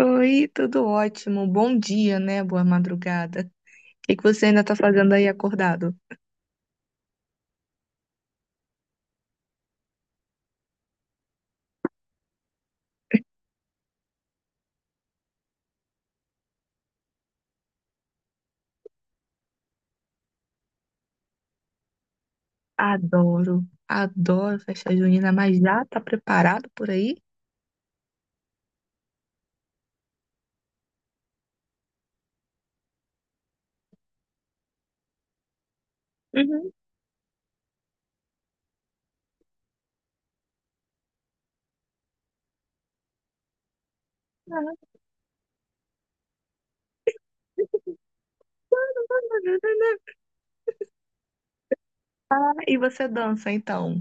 Oi, tudo ótimo. Bom dia, né? Boa madrugada. O que que você ainda tá fazendo aí acordado? Adoro, adoro festa junina, mas já tá preparado por aí? Uhum. Ah, E você dança então?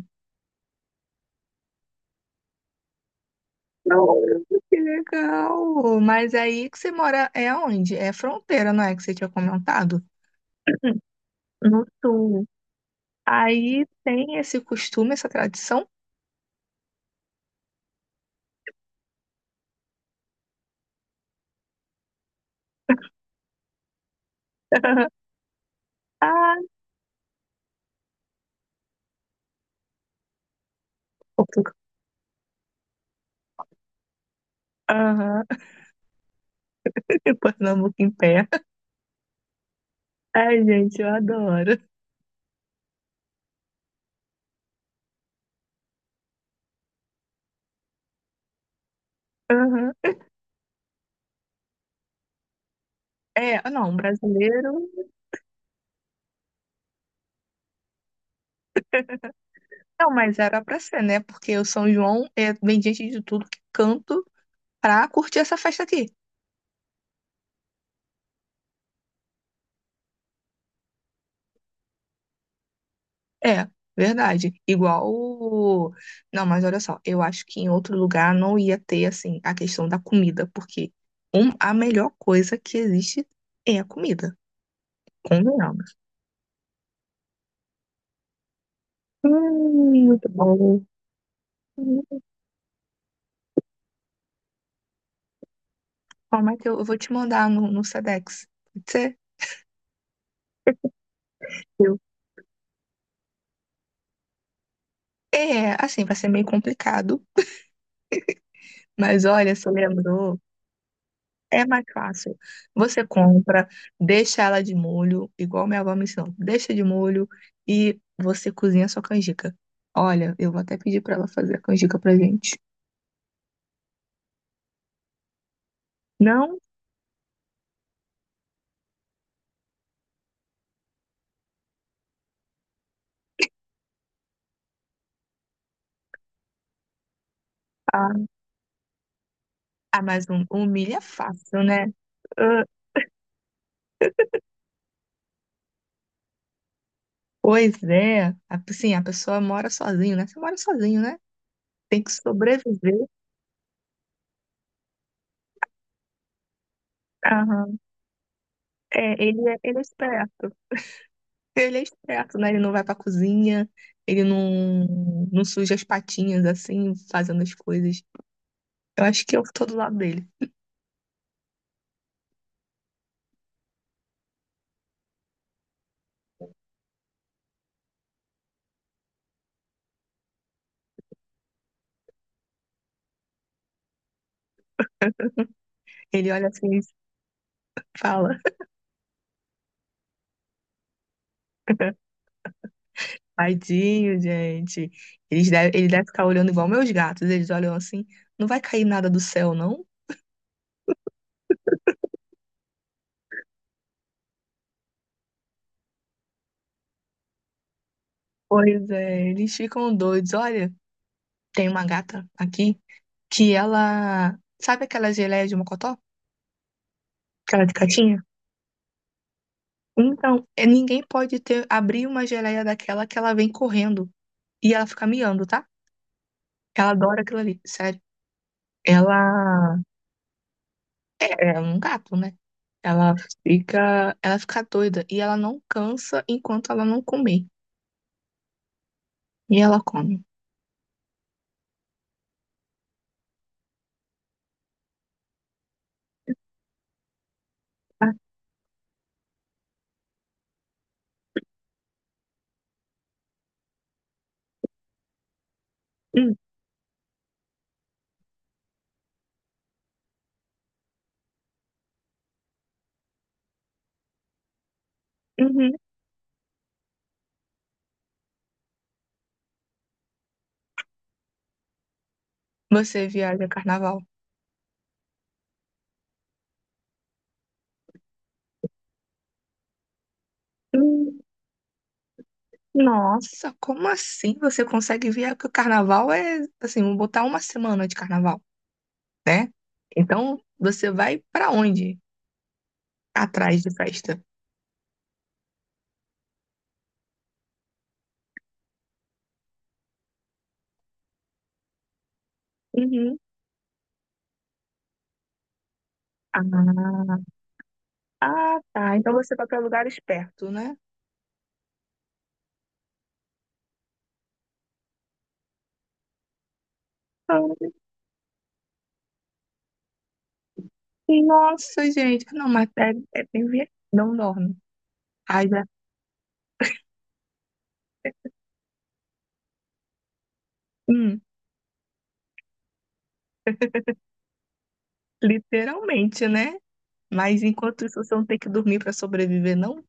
Adoro. Que legal! Mas aí que você mora é onde? É fronteira, não é? Que você tinha comentado? No sul. Aí tem esse costume, essa tradição? Ah, Portugal. Aham. Pernambuco em pé. Ai, gente, eu adoro. Aham. É, não, brasileiro. Não, mas era pra ser, né? Porque o São João é, vem gente de tudo que é canto pra curtir essa festa aqui. É, verdade. Não, mas olha só, eu acho que em outro lugar não ia ter, assim, a questão da comida, porque a melhor coisa que existe é a comida. Convenhamos. Muito bom. Hum, Bom, Matheus, eu vou te mandar no Sedex. Pode ser? Eu. É, assim, vai ser meio complicado. Mas olha, você lembrou. É mais fácil. Você compra, deixa ela de molho, igual minha avó me ensinou. Deixa de molho e você cozinha a sua canjica. Olha, eu vou até pedir pra ela fazer a canjica pra gente. Não, ah, mas um milho é fácil, né? Ah, pois é. Assim, a pessoa mora sozinho, né? Você mora sozinho, né? Tem que sobreviver. Aham. É, ele é esperto. Ele é esperto, né? Ele não vai pra cozinha, ele não suja as patinhas assim, fazendo as coisas. Eu acho que eu tô do lado dele. Ele olha assim e fala, tadinho, gente. Ele deve ficar olhando igual meus gatos. Eles olham assim, não vai cair nada do céu, não? Pois é, eles ficam doidos. Olha, tem uma gata aqui que ela. Sabe aquela geleia de mocotó? Aquela de catinha? Então, é, ninguém pode ter abrir uma geleia daquela que ela vem correndo. E ela fica miando, tá? Ela adora aquilo ali, sério. Ela é, é um gato, né? Ela ela fica doida e ela não cansa enquanto ela não comer. E ela come. Ah, hum, uhum. Você viaja carnaval. Hum, Nossa, como assim você consegue viajar? Porque o carnaval é, assim, vou botar uma semana de carnaval, né? Então, você vai pra onde? Atrás de festa. Uhum. Ah, tá. Então você vai pra lugares perto, né? Ah, Nossa, gente. Não, mas é, é bem viajado. Não dorme. Ai, já. Hum. Literalmente, né? Mas enquanto isso, você não tem que dormir para sobreviver, não?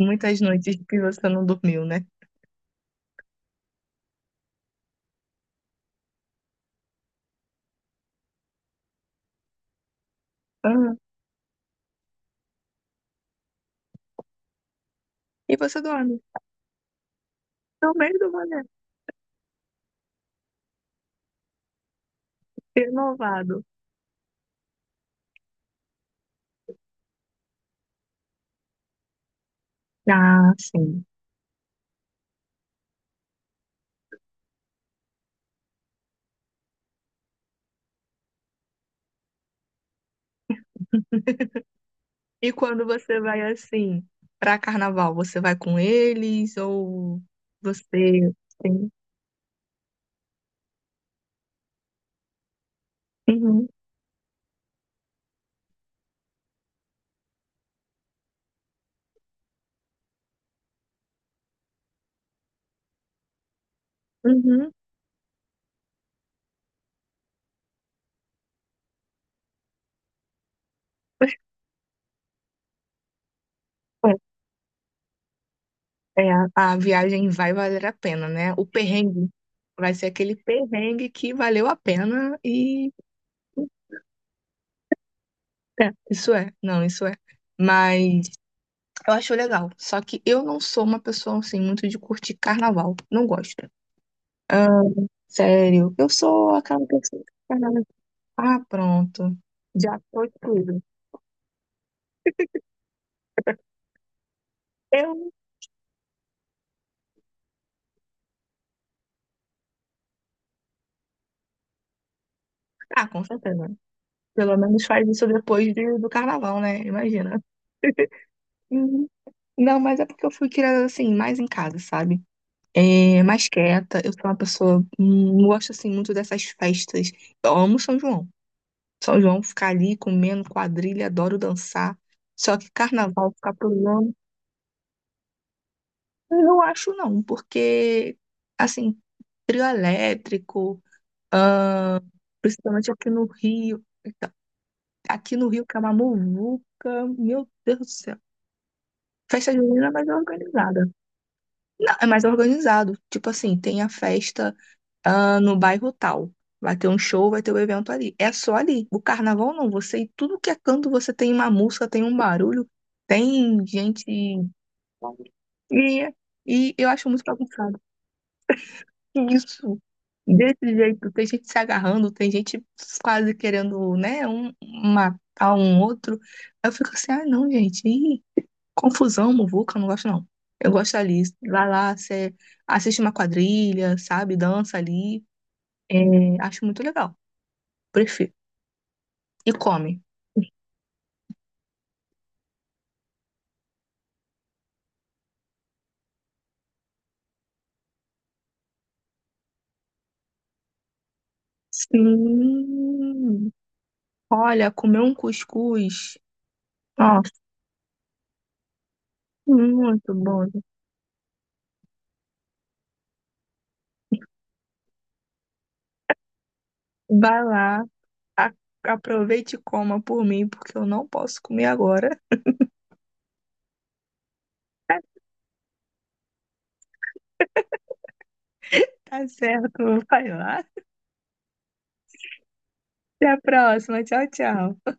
Muitas noites que você não dormiu, né? Ah, e você dorme. No meio do mané. Renovado. Ah, sim. E quando você vai assim, para carnaval, você vai com eles ou você. Sim. Uhum, uhum. É, a viagem vai valer a pena, né? O perrengue vai ser aquele perrengue que valeu a pena e É, isso é, não, isso é. Mas eu acho legal. Só que eu não sou uma pessoa assim muito de curtir carnaval. Não gosto. Ah, sério, eu sou aquela pessoa que carnaval. Ah, pronto. Já foi tudo. Eu. Ah, com certeza. Pelo menos faz isso do carnaval, né? Imagina. Uhum. Não, mas é porque eu fui criada assim, mais em casa, sabe? É, mais quieta. Eu sou uma pessoa. Não gosto assim muito dessas festas. Eu amo São João. São João ficar ali comendo quadrilha, adoro dançar. Só que carnaval ficar pulando, eu não acho não, porque assim, trio elétrico, ahn, principalmente aqui no Rio que é uma muvuca, meu Deus do céu. Festa junina é mais organizada. Não, é mais organizado. Tipo assim, tem a festa, ah, no bairro tal. Vai ter um show, vai ter um evento ali. É só ali. O carnaval não. Você, em tudo que é canto, você tem uma música, tem um barulho, tem gente. E, e eu acho muito bagunçado. Que isso. Desse jeito, tem gente se agarrando, tem gente quase querendo, né, um, matar um outro. Eu fico assim, ah, não, gente. Confusão, muvuca, eu não gosto, não. Eu gosto ali, vai lá, você assiste uma quadrilha, sabe? Dança ali. É, acho muito legal. Prefiro. E come. Sim. Olha, comer um cuscuz. Nossa, muito bom. Vai lá, a- aproveite e coma por mim, porque eu não posso comer agora. Tá certo, vai lá. Até a próxima. Tchau, tchau.